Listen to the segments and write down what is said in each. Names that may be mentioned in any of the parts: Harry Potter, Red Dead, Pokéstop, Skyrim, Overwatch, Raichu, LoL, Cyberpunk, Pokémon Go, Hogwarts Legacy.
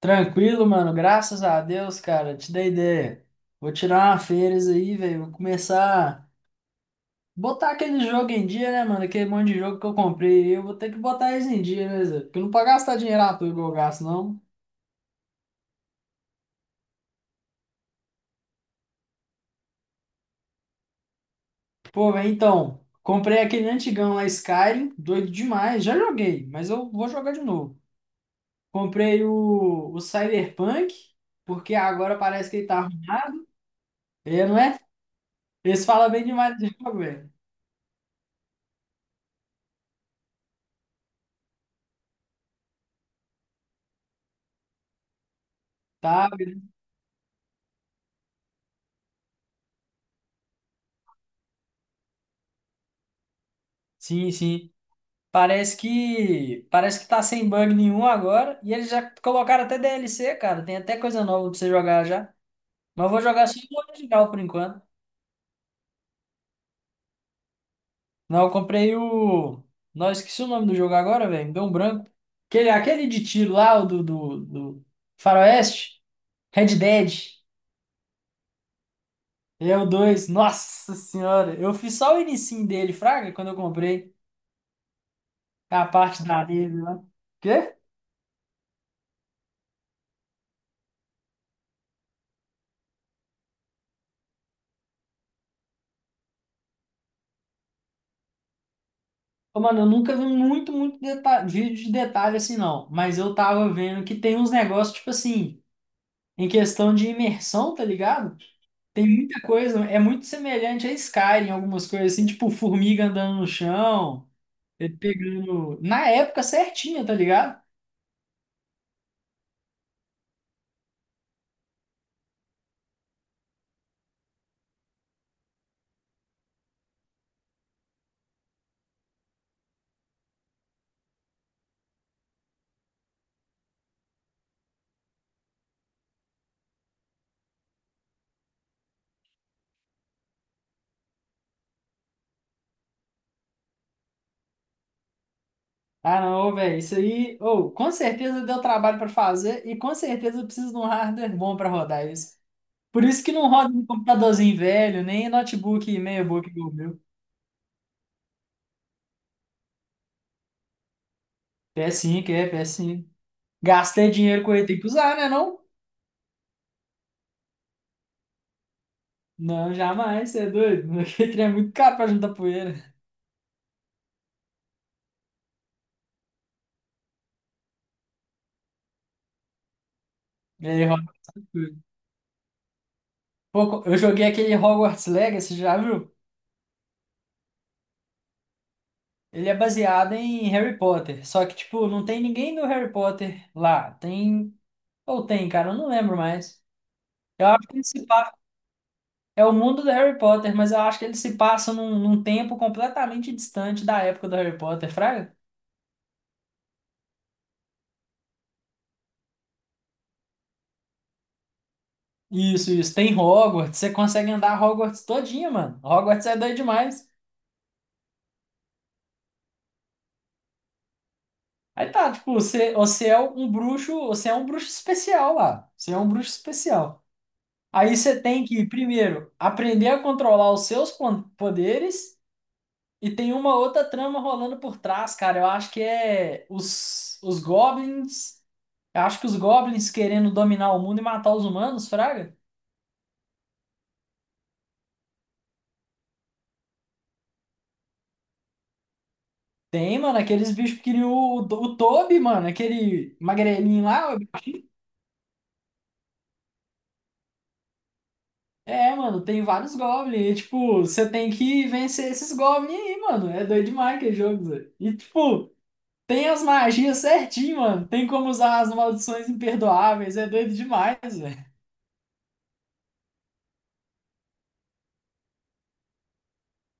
Tranquilo, mano. Graças a Deus, cara. Te dei ideia. Vou tirar uma férias aí, velho. Vou começar a botar aquele jogo em dia, né, mano? Aquele monte de jogo que eu comprei. Eu vou ter que botar eles em dia, né, Zé? Porque não pra gastar dinheiro à toa igual eu gasto, não. Pô, velho, então. Comprei aquele antigão lá, Skyrim. Doido demais. Já joguei, mas eu vou jogar de novo. Comprei o Cyberpunk, porque agora parece que ele tá arrumado. É, não é? Eles falam bem demais do jogo, velho. Tá, sim, sim. Parece que tá sem bug nenhum agora e eles já colocaram até DLC, cara. Tem até coisa nova pra você jogar já. Mas eu vou jogar só o original por enquanto. Não, eu comprei o. Não, esqueci o nome do jogo agora, velho. Me deu um branco. Aquele de tiro lá, o do Faroeste. Red Dead. É o 2. Nossa senhora. Eu fiz só o inicinho dele, Fraga, quando eu comprei. A parte da neve lá. Quê? Ô, mano, eu nunca vi muito deta- vídeo de detalhe assim, não. Mas eu tava vendo que tem uns negócios, tipo assim, em questão de imersão, tá ligado? Tem muita coisa, é muito semelhante a Skyrim, algumas coisas assim, tipo formiga andando no chão, ele pegando. Na época certinha, tá ligado? Ah, não, velho, isso aí, ou com certeza deu trabalho pra fazer e com certeza eu preciso de um hardware bom pra rodar isso. Por isso que não roda no computadorzinho velho, nem notebook meia boca igual o meu. PS5, é, PS5. Gastei dinheiro com ele, tem que usar, né? Não? Não, jamais, você é doido. Aquele trem é muito caro pra juntar poeira. E aí, rola bastante coisa. Pô, eu joguei aquele Hogwarts Legacy, já viu? Ele é baseado em Harry Potter. Só que, tipo, não tem ninguém do Harry Potter lá. Tem. Ou tem, cara, eu não lembro mais. Eu acho que ele se passa. É o mundo do Harry Potter, mas eu acho que ele se passa num, num tempo completamente distante da época do Harry Potter, fraga? Isso, isso. Tem Hogwarts, você consegue andar Hogwarts todinha, mano. Hogwarts é doido demais. Aí tá, tipo, você é um bruxo, você é um bruxo especial lá. Você é um bruxo especial. Aí você tem que, primeiro, aprender a controlar os seus pon- poderes e tem uma outra trama rolando por trás, cara. Eu acho que é os goblins. Eu acho que os goblins querendo dominar o mundo e matar os humanos, fraga. Tem, mano, aqueles bichos que queriam o Toby, mano, aquele magrelinho lá. É, mano, tem vários goblins. E, tipo, você tem que vencer esses goblins aí, mano. É doido demais aquele jogo, Zé. E, tipo, tem as magias certinho, mano. Tem como usar as maldições imperdoáveis. É doido demais, velho.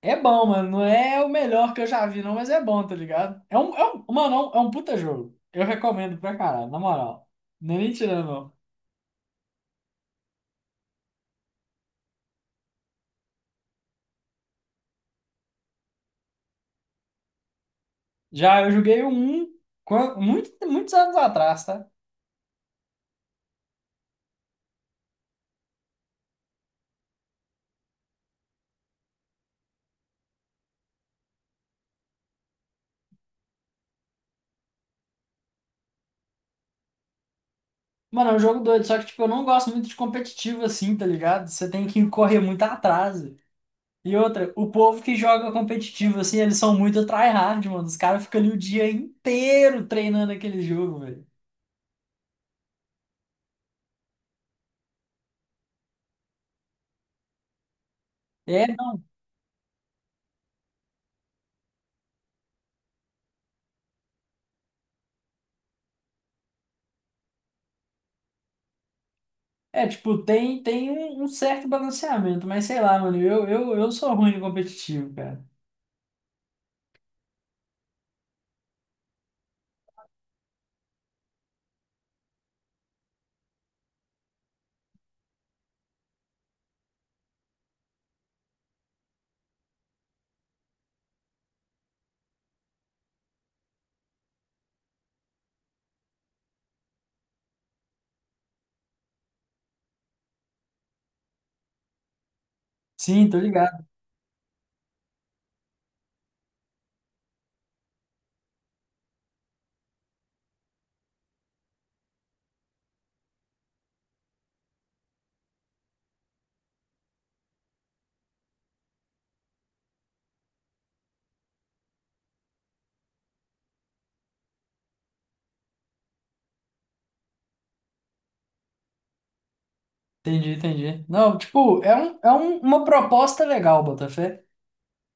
É bom, mano. Não é o melhor que eu já vi, não, mas é bom, tá ligado? É um, mano, é um puta jogo. Eu recomendo pra caralho, na moral. Não é nem tirando, não. Já eu joguei um muitos anos atrás, tá? Mano, é um jogo doido, só que, tipo, eu não gosto muito de competitivo assim, tá ligado? Você tem que correr muito atrás. E outra, o povo que joga competitivo, assim, eles são muito tryhard, mano. Os caras ficam ali o dia inteiro treinando aquele jogo, velho. É, não. É, tipo, tem um certo balanceamento, mas sei lá, mano, eu sou ruim de competitivo, cara. Sim, tô ligado. Entendi, entendi. Não, tipo, é uma proposta legal, Botafé.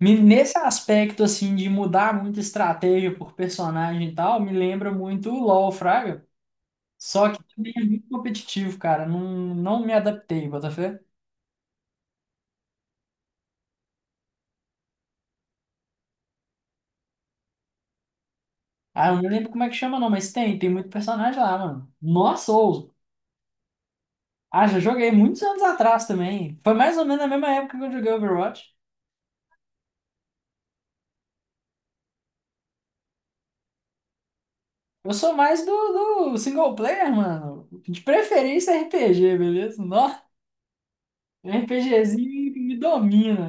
Me- Nesse aspecto, assim, de mudar muita estratégia por personagem e tal, me lembra muito o LoL, Fraga. Só que também é muito competitivo, cara. Não, não me adaptei, Botafé. Ah, eu não lembro como é que chama, não, mas tem muito personagem lá, mano. Nossa, ou. Ah, já joguei muitos anos atrás também. Foi mais ou menos na mesma época que eu joguei Overwatch. Eu sou mais do single player, mano. De preferência RPG, beleza? Nossa, RPGzinho me domina.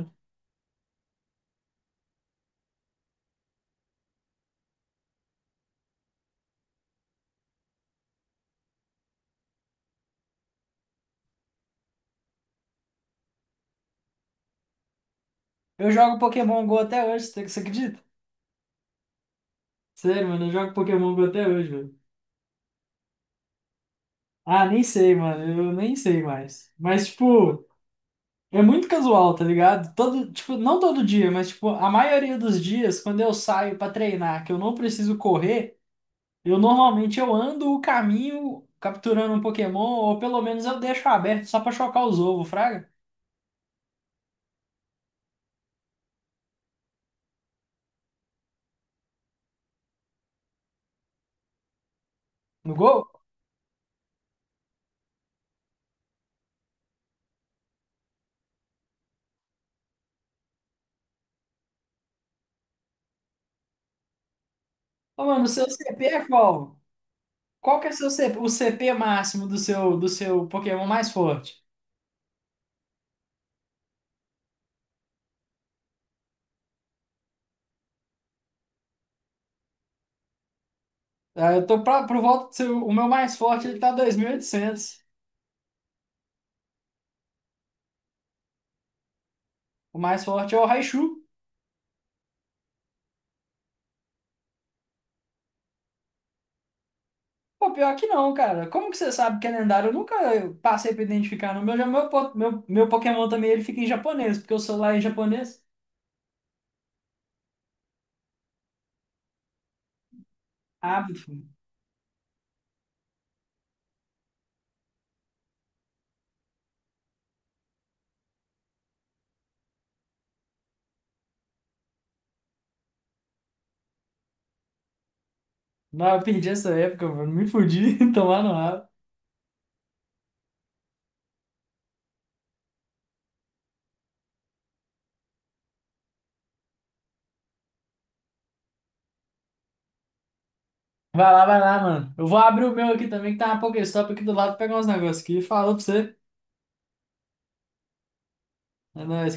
Eu jogo Pokémon Go até hoje, você acredita? Sério, mano, eu jogo Pokémon Go até hoje, mano. Ah, nem sei, mano, eu nem sei mais. Mas, tipo, é muito casual, tá ligado? Todo, tipo, não todo dia, mas, tipo, a maioria dos dias, quando eu saio pra treinar, que eu não preciso correr, eu normalmente eu ando o caminho capturando um Pokémon, ou pelo menos eu deixo aberto só pra chocar os ovos, fraga? No gol? Ô, mano, o seu CP é qual? Qual que é o seu CP, o CP máximo do seu Pokémon mais forte? Ah, eu tô pra, por volta do seu, o meu mais forte ele tá 2.800. O mais forte é o Raichu. Pô, pior que não, cara. Como que você sabe que é lendário? Eu nunca passei pra identificar. No meu, já meu, po- meu Pokémon também ele fica em japonês, porque o celular é em japonês. Ah, não, eu perdi essa época, mano. Me fudi, tomar no rabo. Vai lá, mano. Eu vou abrir o meu aqui também, que tá uma Pokéstop aqui do lado, pegar uns negócios aqui e falou pra você. É nóis.